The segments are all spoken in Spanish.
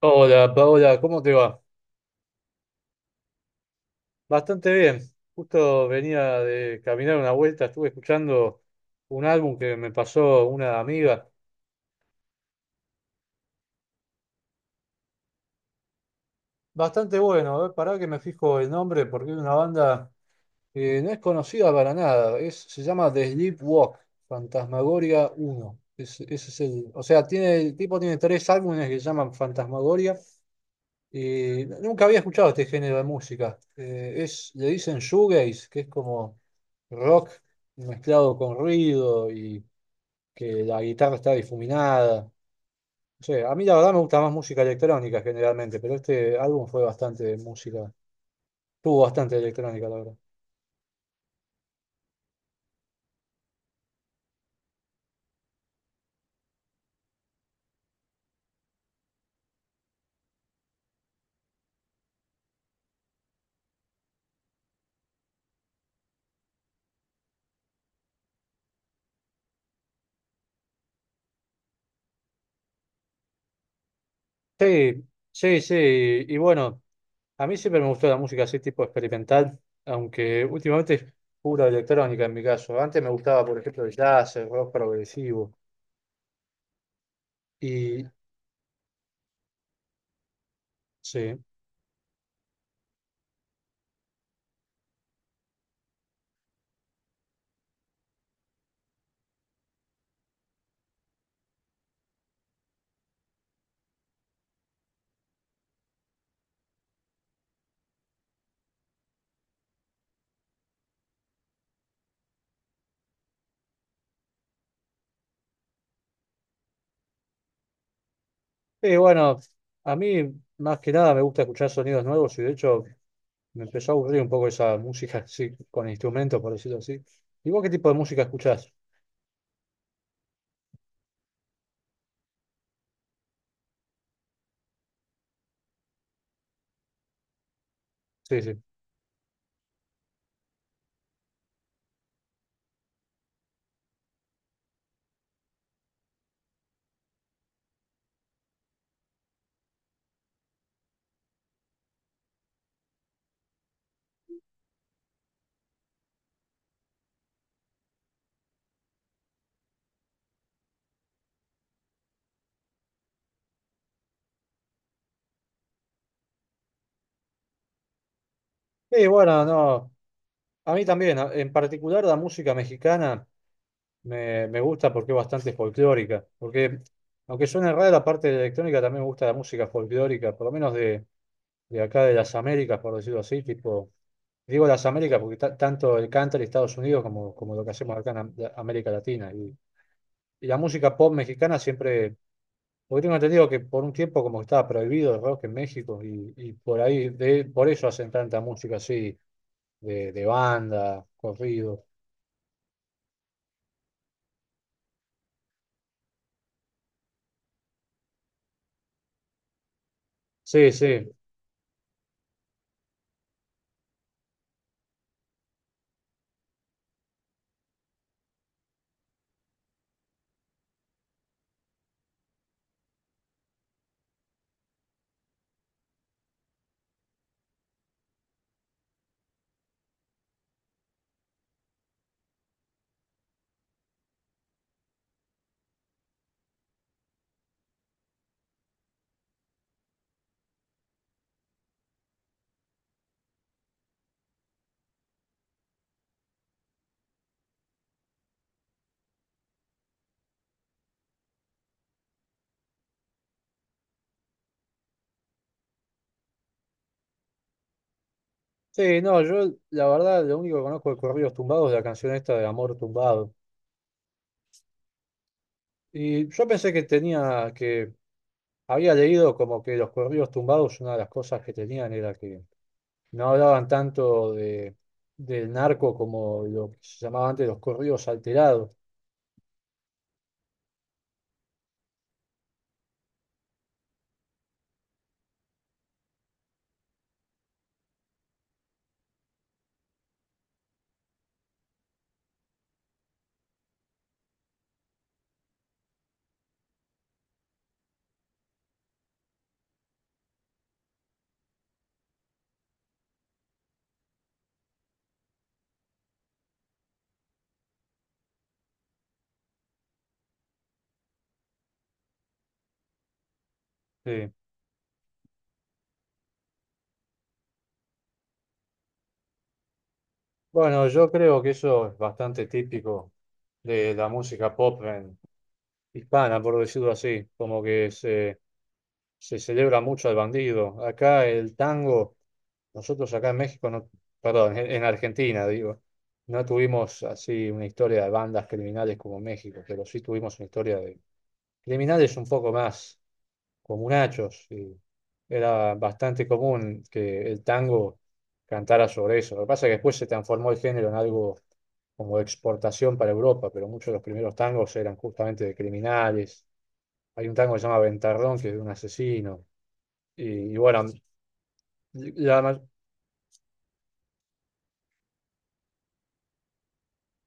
Hola Paola, ¿cómo te va? Bastante bien. Justo venía de caminar una vuelta, estuve escuchando un álbum que me pasó una amiga. Bastante bueno, a ver, pará que me fijo el nombre porque es una banda que no es conocida para nada. Se llama The Sleepwalk, Fantasmagoria uno. Ese es o sea, el tipo tiene tres álbumes que se llaman Fantasmagoria. Y nunca había escuchado este género de música. Le dicen shoegaze, que es como rock mezclado con ruido y que la guitarra está difuminada. No sé, a mí la verdad me gusta más música electrónica generalmente, pero este álbum fue bastante música, tuvo bastante electrónica, la verdad. Sí, sí, sí, y, bueno, a mí siempre me gustó la música así tipo experimental, aunque últimamente es pura electrónica en mi caso. Antes me gustaba, por ejemplo, el jazz, el rock progresivo. Y. Sí. Y bueno, a mí más que nada me gusta escuchar sonidos nuevos y de hecho me empezó a aburrir un poco esa música así, con instrumentos, por decirlo así. ¿Y vos qué tipo de música escuchás? Sí, sí. Y bueno, no, a mí también, en particular la música mexicana. Me gusta porque es bastante folclórica. Porque, aunque suene rara la parte de la electrónica, también me gusta la música folclórica, por lo menos de, acá de las Américas, por decirlo así. Tipo, digo las Américas porque tanto el country de Estados Unidos como lo que hacemos acá en América Latina. Y la música pop mexicana siempre. Porque tengo entendido que por un tiempo como que estaba prohibido el rock en México y por ahí, por eso hacen tanta música así, de banda, corrido. Sí, sí. Sí, no, yo la verdad lo único que conozco de Corridos Tumbados es la canción esta de Amor Tumbado. Y yo pensé que había leído como que los Corridos Tumbados, una de las cosas que tenían era que no hablaban tanto del narco como lo que se llamaba antes los corridos alterados. Sí. Bueno, yo creo que eso es bastante típico de la música pop hispana, por decirlo así, como que se celebra mucho al bandido. Acá el tango. Nosotros acá en México, no, perdón, en Argentina, digo, no tuvimos así una historia de bandas criminales como México, pero sí tuvimos una historia de criminales un poco más comunachos. Y era bastante común que el tango cantara sobre eso. Lo que pasa es que después se transformó el género en algo como de exportación para Europa, pero muchos de los primeros tangos eran justamente de criminales. Hay un tango que se llama Ventarrón, que es de un asesino. Y, y bueno, la,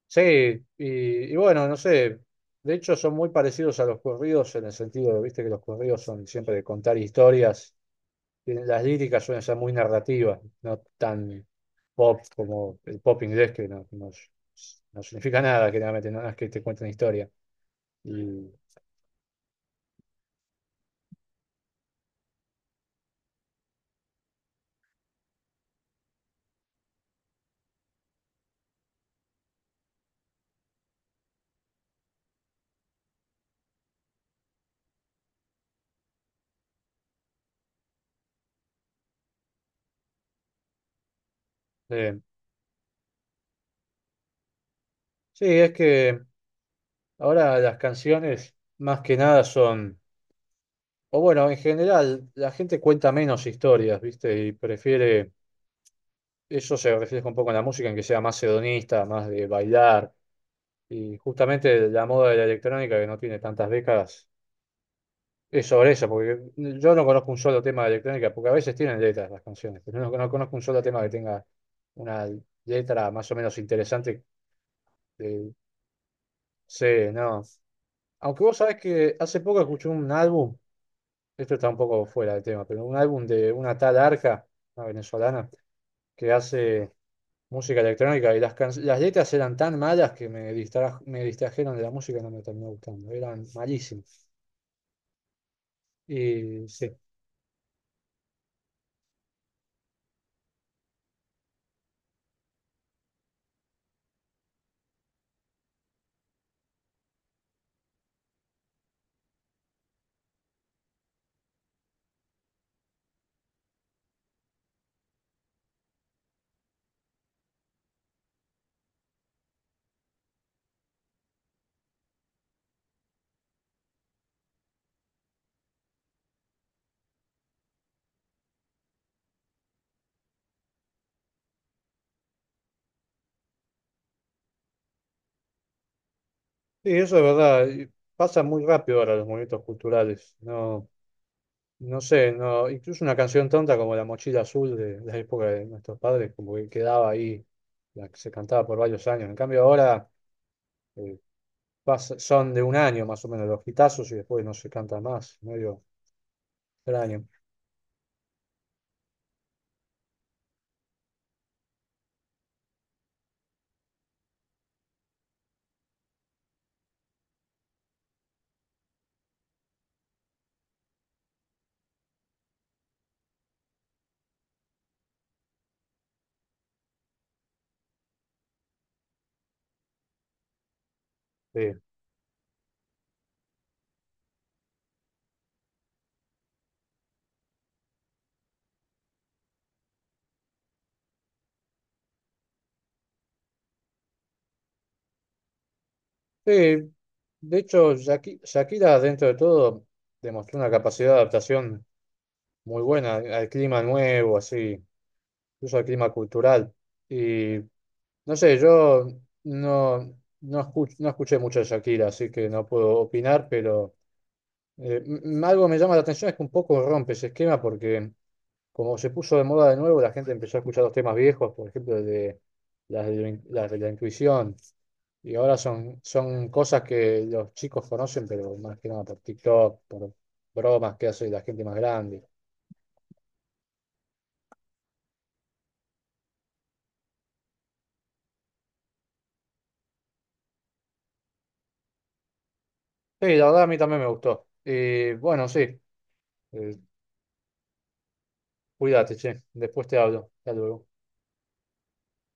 sí, y bueno, no sé, de hecho son muy parecidos a los corridos en el sentido de, viste, que los corridos son siempre de contar historias, las líricas suelen ser muy narrativas, no tan pop como el pop inglés que no significa nada, generalmente, no es que te cuenten historia. Y, eh, sí, es que ahora las canciones más que nada son, o bueno, en general la gente cuenta menos historias, viste, y prefiere. Eso se refleja un poco en la música, en que sea más hedonista, más de bailar. Y justamente la moda de la electrónica, que no tiene tantas décadas, es sobre eso, porque yo no conozco un solo tema de electrónica, porque a veces tienen letras las canciones, pero no conozco un solo tema que tenga una letra más o menos interesante. eh, sí, no. Aunque vos sabés que hace poco escuché un álbum, esto está un poco fuera del tema, pero un álbum de una tal Arca, una venezolana, que hace música electrónica y las letras eran tan malas que me distrajeron de la música y no me terminó gustando, eran malísimas. Y sí, y eso es verdad, y pasa muy rápido ahora los movimientos culturales, no, no sé, no, incluso una canción tonta como La Mochila Azul de la época de nuestros padres, como que quedaba ahí, la que se cantaba por varios años, en cambio ahora eh, son de un año más o menos los hitazos y después no se canta más, medio extraño. Sí. Sí, de hecho, Shakira, dentro de todo, demostró una capacidad de adaptación muy buena al clima nuevo, así, incluso al clima cultural. Y no sé, yo no, no, escuch- no escuché mucho de Shakira, así que no puedo opinar, pero algo me llama la atención es que un poco rompe ese esquema porque como se puso de moda de nuevo, la gente empezó a escuchar los temas viejos, por ejemplo, el de, las de la intuición. Y ahora son cosas que los chicos conocen, pero más que nada por TikTok, por bromas que hace la gente más grande. Sí, la verdad a mí también me gustó. Y bueno, sí, eh, cuídate, che. Después te hablo. Hasta luego.